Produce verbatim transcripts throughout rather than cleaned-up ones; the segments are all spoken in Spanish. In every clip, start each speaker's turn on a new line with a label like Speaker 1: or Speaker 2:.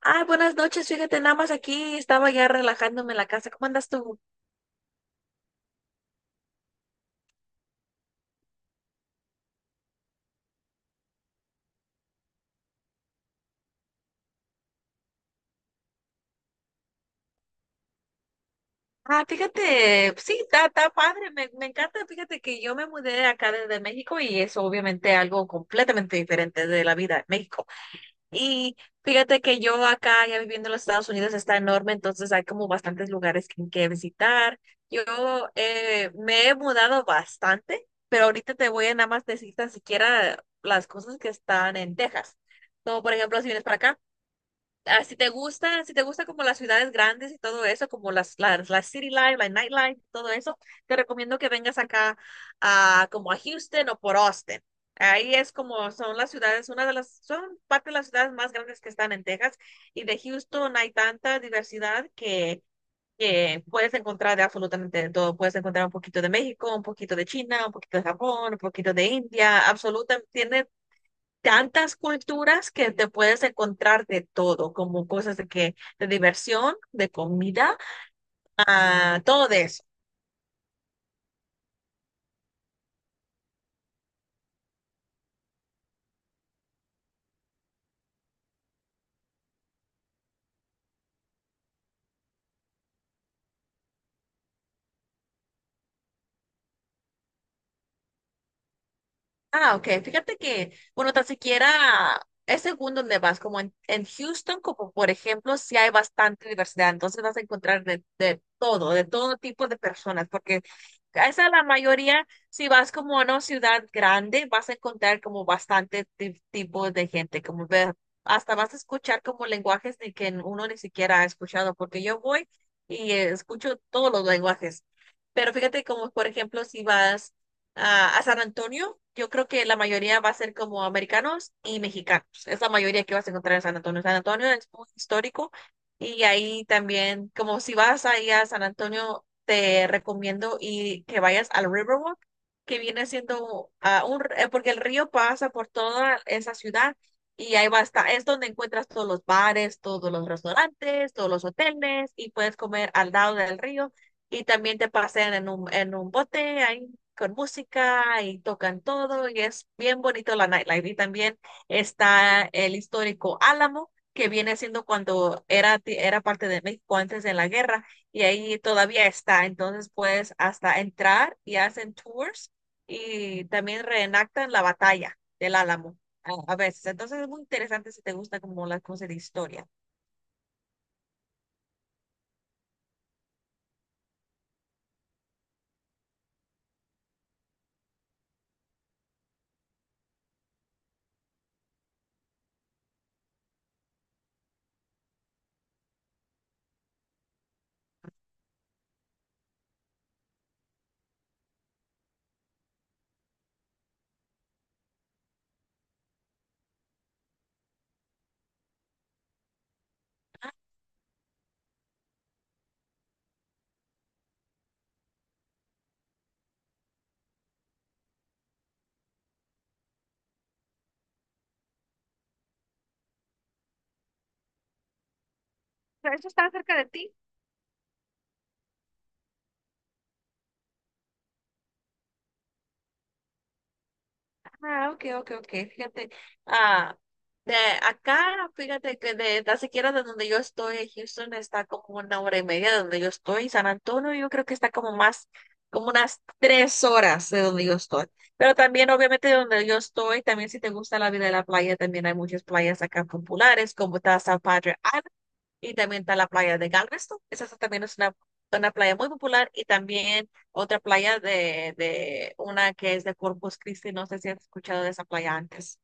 Speaker 1: Ay, buenas noches, fíjate, nada más aquí estaba ya relajándome en la casa. ¿Cómo andas tú? Ah, fíjate, sí, está, está padre, me, me encanta, fíjate que yo me mudé acá desde México y es obviamente algo completamente diferente de la vida en México. Y fíjate que yo acá ya viviendo en los Estados Unidos está enorme, entonces hay como bastantes lugares que, que visitar. Yo eh, me he mudado bastante, pero ahorita te voy a nada más decir tan siquiera las cosas que están en Texas. Como por ejemplo, si vienes para acá. Ah, si te gusta, si te gusta como las ciudades grandes y todo eso, como las, las, las city life, la nightlife todo eso, te recomiendo que vengas acá a, como a Houston o por Austin. Ahí es como son las ciudades, una de las, son parte de las ciudades más grandes que están en Texas y de Houston hay tanta diversidad que, que puedes encontrar de absolutamente todo. Puedes encontrar un poquito de México, un poquito de China, un poquito de Japón, un poquito de India, absolutamente, tantas culturas que te puedes encontrar de todo, como cosas de que, de diversión, de comida, ah, todo de eso. Ah, ok. Fíjate que, bueno, tan siquiera es según donde vas, como en, en Houston, como por ejemplo, sí hay bastante diversidad, entonces vas a encontrar de, de todo, de todo tipo de personas, porque esa es la mayoría, si vas como a una ciudad grande, vas a encontrar como bastante ti- tipo de gente, como ver, hasta vas a escuchar como lenguajes de que uno ni siquiera ha escuchado, porque yo voy y eh, escucho todos los lenguajes. Pero fíjate como, por ejemplo, si vas a, a San Antonio, yo creo que la mayoría va a ser como americanos y mexicanos. Es la mayoría que vas a encontrar en San Antonio. San Antonio es muy histórico y ahí también, como si vas ahí a San Antonio, te recomiendo y que vayas al Riverwalk, que viene siendo ah, un, r- eh, porque el río pasa por toda esa ciudad. Y ahí va a estar, es donde encuentras todos los bares, todos los restaurantes, todos los hoteles y puedes comer al lado del río y también te pasean en un, en un bote ahí con música y tocan todo y es bien bonito la nightlife. Y también está el histórico Álamo, que viene siendo cuando era, ti- era parte de México antes de la guerra y ahí todavía está. Entonces puedes hasta entrar y hacen tours y también reenactan la batalla del Álamo a, a veces. Entonces es muy interesante si te gusta como las cosas de historia. ¿Eso está cerca de ti? Ah, ok, ok, ok. Fíjate, ah, de acá, fíjate que de tan siquiera de donde yo estoy, Houston está como una hora y media de donde yo estoy. San Antonio, yo creo que está como más, como unas tres horas de donde yo estoy. Pero también, obviamente, de donde yo estoy, también si te gusta la vida de la playa, también hay muchas playas acá populares, como está San Padre y también está la playa de Galveston. Esa es- también es una, una playa muy popular. Y también otra playa de, de una que es de Corpus Christi. No sé si has escuchado de esa playa antes.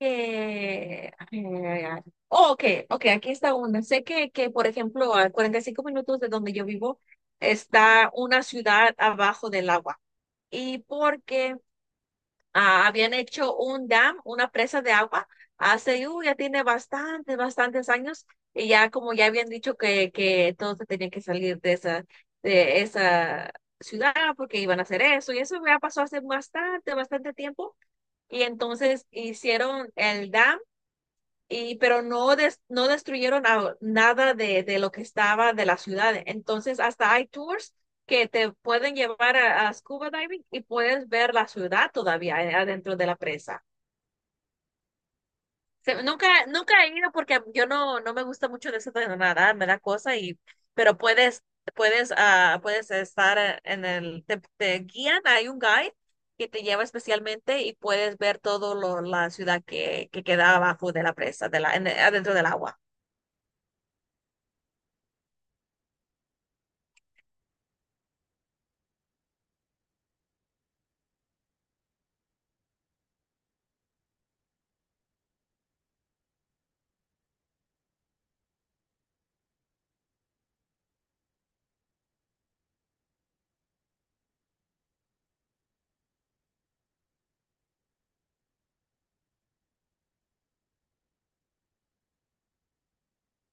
Speaker 1: Eh, ay, ay, ay, ay. Oh, ok, ok, aquí está una. Sé que, que, por ejemplo, a cuarenta y cinco minutos de donde yo vivo está una ciudad abajo del agua. ¿Y porque ah, habían hecho un dam, una presa de agua, hace, uh, ya tiene bastantes, bastantes años, y ya como ya habían dicho que, que todos se tenían que salir de esa, de esa ciudad porque iban a hacer eso, y eso ya pasó hace bastante, bastante tiempo, y entonces hicieron el dam y, pero no, des- no destruyeron nada de, de lo que estaba de la ciudad. Entonces, hasta hay tours que te pueden llevar a, a scuba diving y puedes ver la ciudad todavía eh, adentro de la presa. Se- nunca, nunca he ido porque yo no, no me gusta mucho de eso de nadar, me da cosa y, pero puedes, puedes, ah, puedes estar eh, en el, te, te guían, hay un guide que te lleva especialmente y puedes ver todo lo, la ciudad que, que queda abajo de la presa, de la, en- adentro del agua.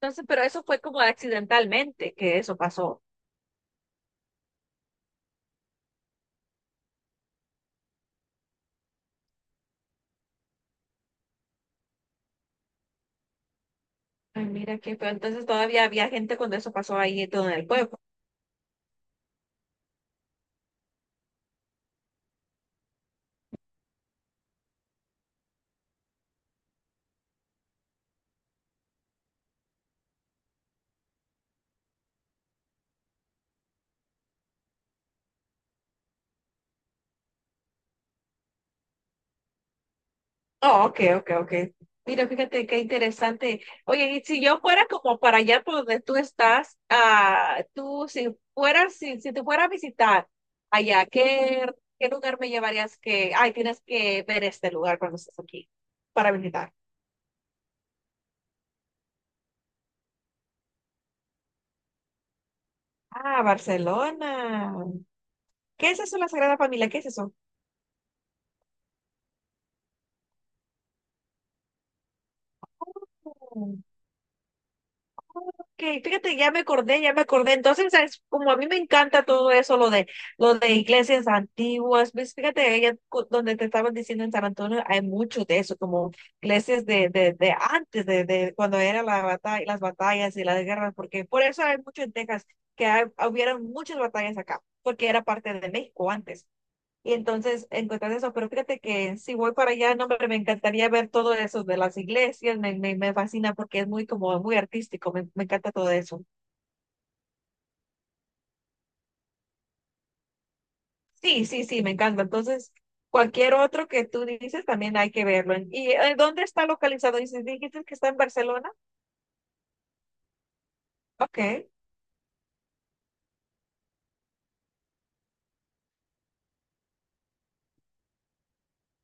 Speaker 1: Entonces, pero eso fue como accidentalmente que eso pasó. Ay, mira qué feo. Entonces todavía había gente cuando eso pasó ahí y todo en el pueblo. Oh, ok, ok, ok. Mira, fíjate qué interesante. Oye, y si yo fuera como para allá por donde tú estás, ah, tú si fueras, si, si te fuera a visitar allá, ¿qué, qué lugar me llevarías que, ay, tienes que ver este lugar cuando estés aquí para visitar? Ah, Barcelona. ¿Qué es eso, la Sagrada Familia? ¿Qué es eso? Ok, fíjate, ya me acordé, ya me acordé. Entonces, ¿sabes? Como a mí me encanta todo eso, lo de, lo de iglesias antiguas, ¿ves? Fíjate, ella, cu- donde te estaban diciendo en San Antonio, hay mucho de eso, como iglesias de, de, de antes, de, de cuando era la batalla, las batallas y las guerras, porque por eso hay mucho en Texas, que hay- hubieron muchas batallas acá, porque era parte de México antes. Y entonces encuentras eso, pero fíjate que si voy para allá, no, hombre, me encantaría ver todo eso de las iglesias, me, me, me fascina porque es muy como muy artístico, me, me encanta todo eso. Sí, sí, sí, me encanta. Entonces, cualquier otro que tú dices también hay que verlo. ¿Y eh, dónde está localizado? Dices, dijiste que está en Barcelona. Ok.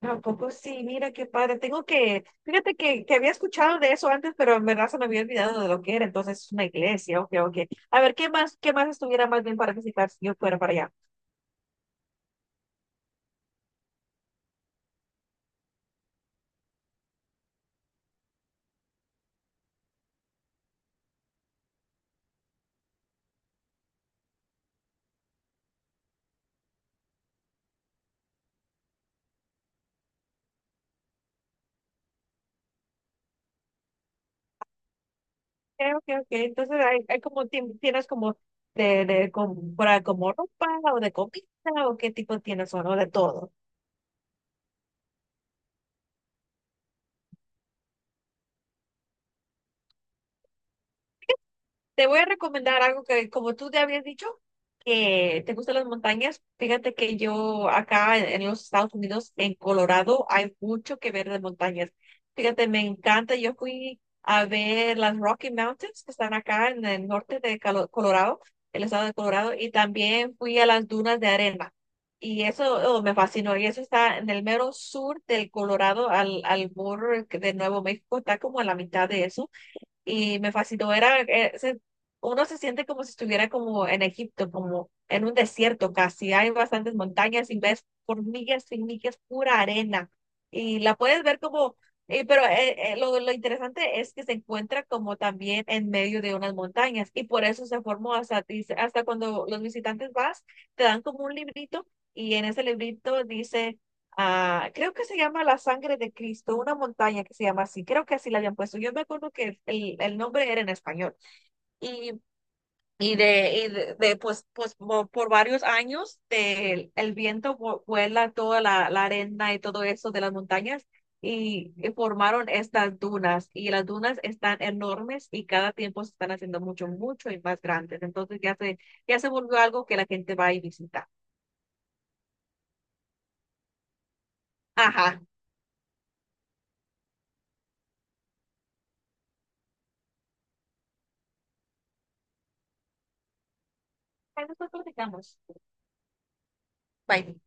Speaker 1: Tampoco sí, mira qué padre. Tengo que, fíjate que, que había escuchado de eso antes, pero en verdad se me había olvidado de lo que era. Entonces es una iglesia, ok, ok. A ver, ¿qué más, qué más estuviera más bien para visitar si yo fuera para allá? Ok, ok. Ok. Entonces hay, hay como tien- tienes como de, de com- para como ropa o de comida o qué tipo tienes o no de todo. Te voy a recomendar algo que, como tú te habías dicho, que te gustan las montañas. Fíjate que yo acá en en los Estados Unidos, en Colorado, hay mucho que ver de montañas. Fíjate, me encanta. Yo fui a ver las Rocky Mountains, que están acá en el norte de Calo- Colorado, el estado de Colorado, y también fui a las dunas de arena. Y eso oh, me fascinó. Y eso está en el mero sur del Colorado, al, al borde de Nuevo México. Está como a la mitad de eso y me fascinó. Era, eh, se- uno se siente como si estuviera como en Egipto, como en un desierto casi. Hay bastantes montañas y ves hormigas y millas, pura arena. Y la puedes ver como, eh, pero eh, eh, lo, lo interesante es que se encuentra como también en medio de unas montañas. Y por eso se formó hasta, dice- hasta cuando los visitantes vas, te dan como un librito. Y en ese librito dice Ah, creo que se llama La Sangre de Cristo, una montaña que se llama así, creo que así la habían puesto. Yo me acuerdo que el, el nombre era en español. Y, y de, y de, de, pues, pues mo- por varios años de- el viento vu- vuela toda la, la arena y todo eso de las montañas y, y formaron estas dunas. Y las dunas están enormes y cada tiempo se están haciendo mucho, mucho y más grandes. Entonces ya se, ya se volvió algo que la gente va y visita. Ajá. Ahí nosotros platicamos. Bye.